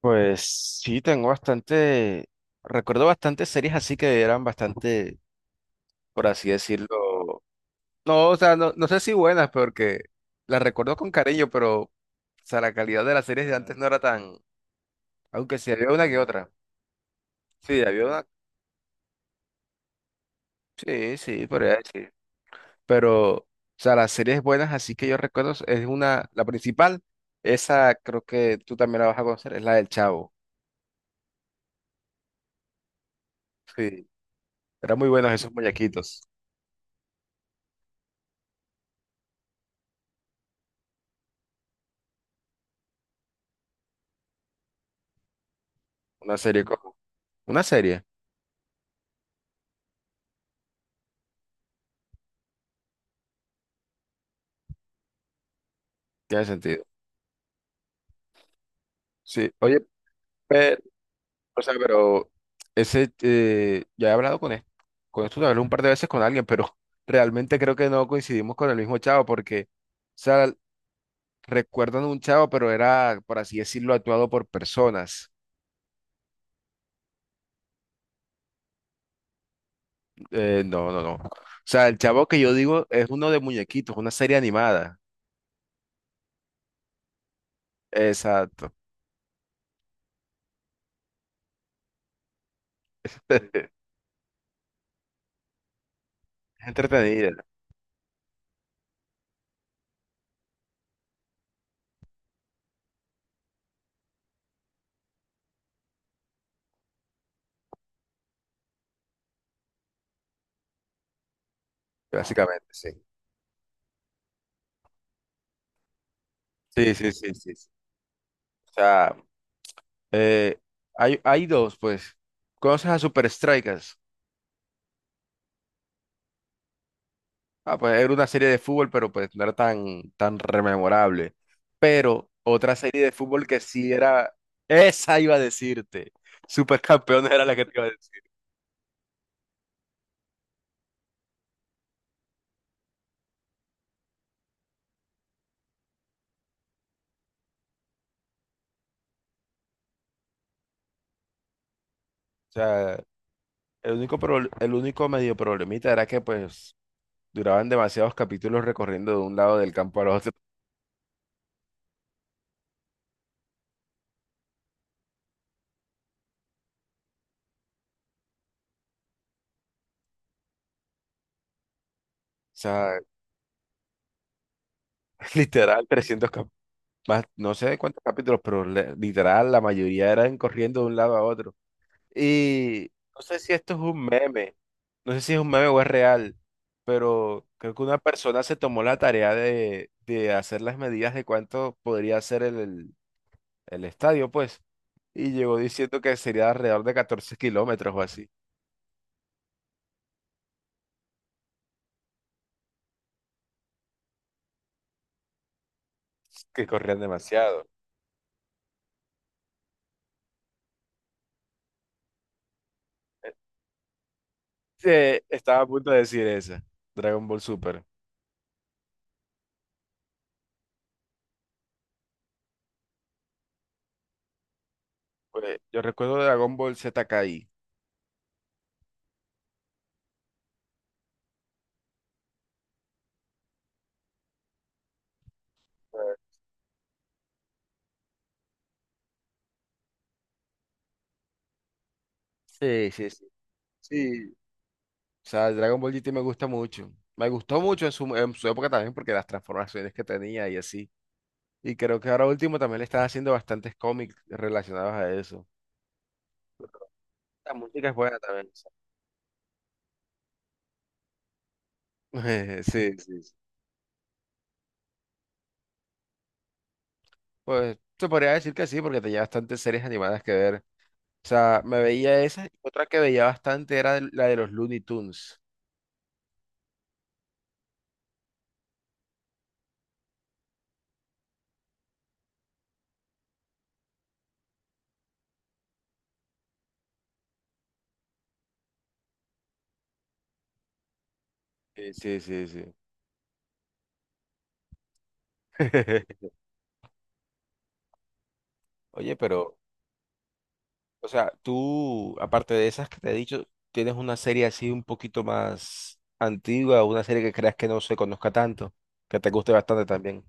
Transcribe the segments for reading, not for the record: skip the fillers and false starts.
Pues sí, tengo bastante, recuerdo bastantes series así que eran bastante, por así decirlo, no, o sea, no, no sé si buenas, porque las recuerdo con cariño, pero, o sea, la calidad de las series de antes no era tan, aunque sí había una que otra, sí, había una, sí, sí, podría decir, pero, o sea, las series buenas así que yo recuerdo es una, la principal, esa creo que tú también la vas a conocer, es la del Chavo, sí, eran muy buenos esos muñequitos, una serie como, una serie, tiene sentido. Sí, oye, pero, o sea, pero ese, ya he hablado con esto hablé un par de veces con alguien, pero realmente creo que no coincidimos con el mismo chavo, porque, o sea, recuerdan un chavo, pero era, por así decirlo, actuado por personas. No, no, no. O sea, el chavo que yo digo es uno de muñequitos, una serie animada. Exacto. Es entretenida, básicamente, sí. Sí, sí, sí, sí. Sí. O sea, eh, hay dos, pues. ¿Conoces a Super Strikers? Ah, pues era una serie de fútbol, pero pues no era tan, tan rememorable. Pero otra serie de fútbol que sí era, esa iba a decirte. Supercampeones era la que te iba a decir. O sea, el único, el único medio problemita era que pues duraban demasiados capítulos recorriendo de un lado del campo al otro. O sea, literal 300 más, no sé cuántos capítulos, pero literal la mayoría eran corriendo de un lado a otro. Y no sé si esto es un meme, no sé si es un meme o es real, pero creo que una persona se tomó la tarea de hacer las medidas de cuánto podría ser el estadio, pues, y llegó diciendo que sería alrededor de 14 kilómetros o así, que corrían demasiado. Estaba a punto de decir esa, Dragon Ball Super. Pues, yo recuerdo Dragon Ball Z Kai. Sí, sí, sí. Sí. O sea, el Dragon Ball GT me gusta mucho. Me gustó mucho en su época también porque las transformaciones que tenía y así. Y creo que ahora último también le están haciendo bastantes cómics relacionados a eso. La música es buena también. O sea. Sí, sí. Sí. Pues se podría decir que sí porque tenía bastantes series animadas que ver. O sea, me veía esa. Otra que veía bastante era la de los Looney Tunes. Sí, sí, sí, sí. Oye, pero... O sea, tú, aparte de esas que te he dicho, tienes una serie así un poquito más antigua, una serie que creas que no se conozca tanto, que te guste bastante también.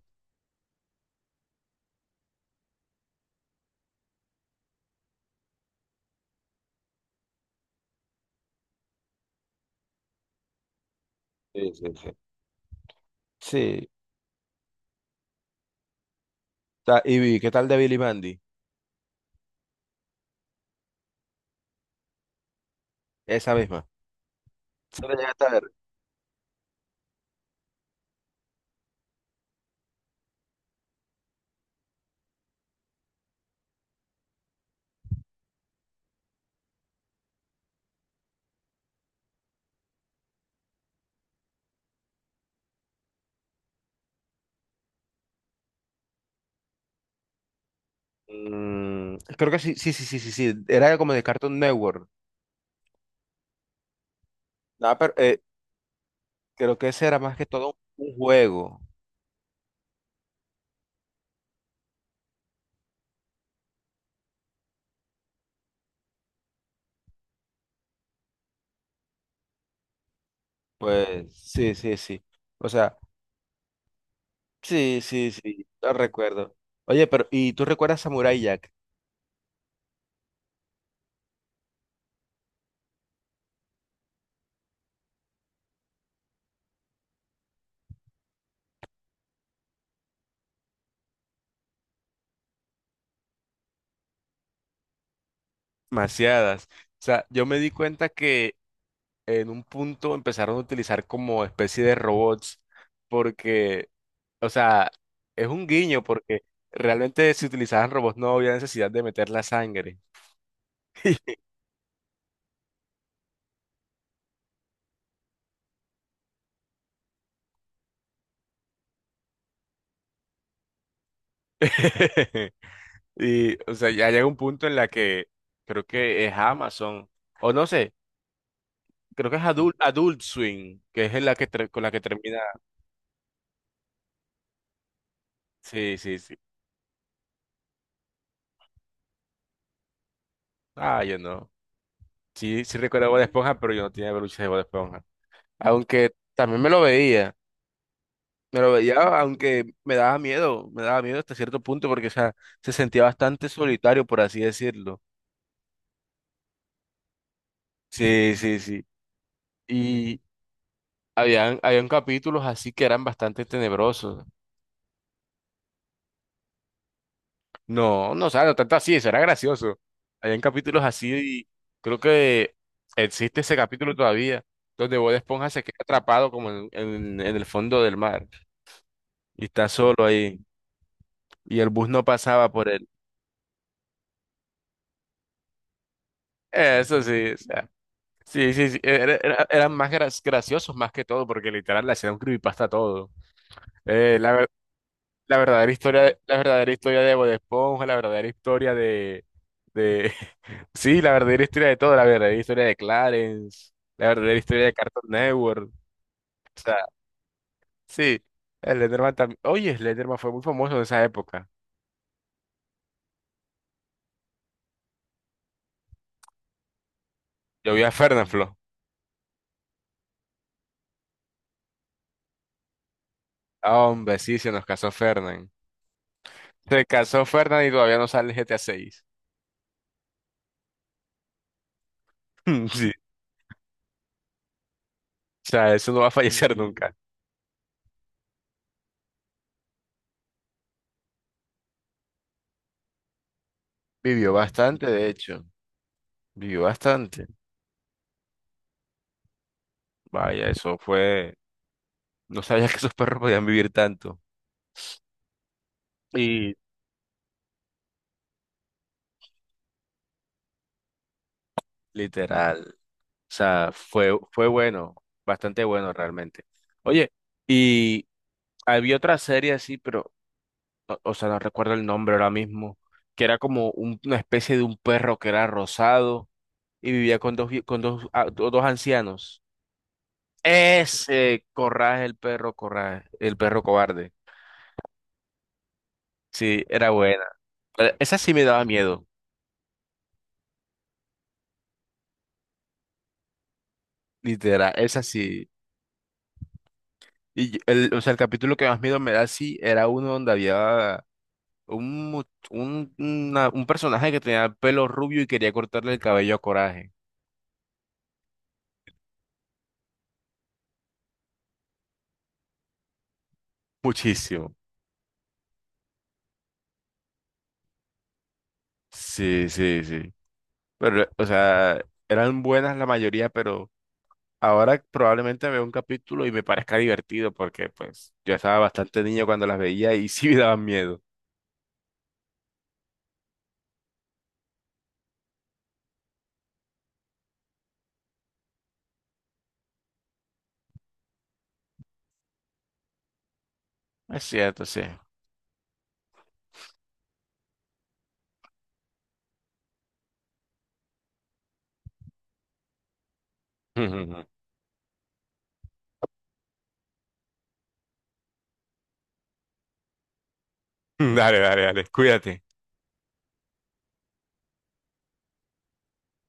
Sí, sí, sí. Sí. Y vi, ¿qué tal de Billy Mandy? Esa misma. ¿Se la llegaste a ver? Creo que sí, sí, sí, sí, sí, sí. Era como de Cartoon Network. Nada, pero creo que ese era más que todo un juego. Pues sí, sí, sí. O sea, sí, sí, sí, lo recuerdo. Oye, pero ¿y tú recuerdas Samurai Jack? Demasiadas. O sea, yo me di cuenta que en un punto empezaron a utilizar como especie de robots, porque, o sea, es un guiño, porque realmente si utilizaban robots no había necesidad de meter la sangre. Y, o sea, ya llega un punto en la que creo que es Amazon, o no sé, creo que es Adult Swim, que es en la que con la que termina. Sí, sí, sí. Ah, yo no. Sí, sí recuerdo Bob Esponja, pero yo no tenía peluches de Bob Esponja. Aunque también me lo veía, aunque me daba miedo hasta cierto punto porque, o sea, se sentía bastante solitario, por así decirlo. Sí, sí, sí. Y habían capítulos así que eran bastante tenebrosos. No, no, o sea, no tanto así, eso era gracioso. Habían capítulos así y creo que existe ese capítulo todavía, donde Bob Esponja se queda atrapado como en el fondo del mar y está solo ahí y el bus no pasaba por él. Eso sí, o sea, sí, sí, sí, eran más graciosos más que todo, porque literal le hacían un creepypasta a todo. Eh, la, ver- la verdadera historia, la verdadera historia de Bob Esponja, la verdadera historia de, de, sí, la verdadera historia de todo, la verdadera historia de Clarence, la verdadera historia de Cartoon Network, o sea, sí, Slenderman también, oye, Slenderman fue muy famoso en esa época. Yo vi a Fernanfloo, ah, hombre, sí, se nos casó Fernan, se casó Fernan y todavía no sale el GTA 6. Sí, o sea, eso no va a fallecer nunca. Vivió bastante, de hecho. Vivió bastante. Vaya, eso fue. No sabía que esos perros podían vivir tanto. Y literal. O sea, fue, fue bueno. Bastante bueno realmente. Oye, y había otra serie así, pero. O sea, no recuerdo el nombre ahora mismo. Que era como una especie de un perro que era rosado y vivía con dos, con dos, dos ancianos. Ese, Corraje, el perro cobarde. Sí, era buena. Esa sí me daba miedo. Literal, es así. Y el, o sea, el capítulo que más miedo me da, sí, era uno donde había un, mu- un, una- un personaje que tenía pelo rubio y quería cortarle el cabello a Coraje. Muchísimo. Sí, sí, sí. Pero, o sea, eran buenas la mayoría, pero ahora probablemente veo un capítulo y me parezca divertido porque, pues, yo estaba bastante niño cuando las veía y sí me daban miedo. Es cierto, sí. Dale, dale, dale, cuídate.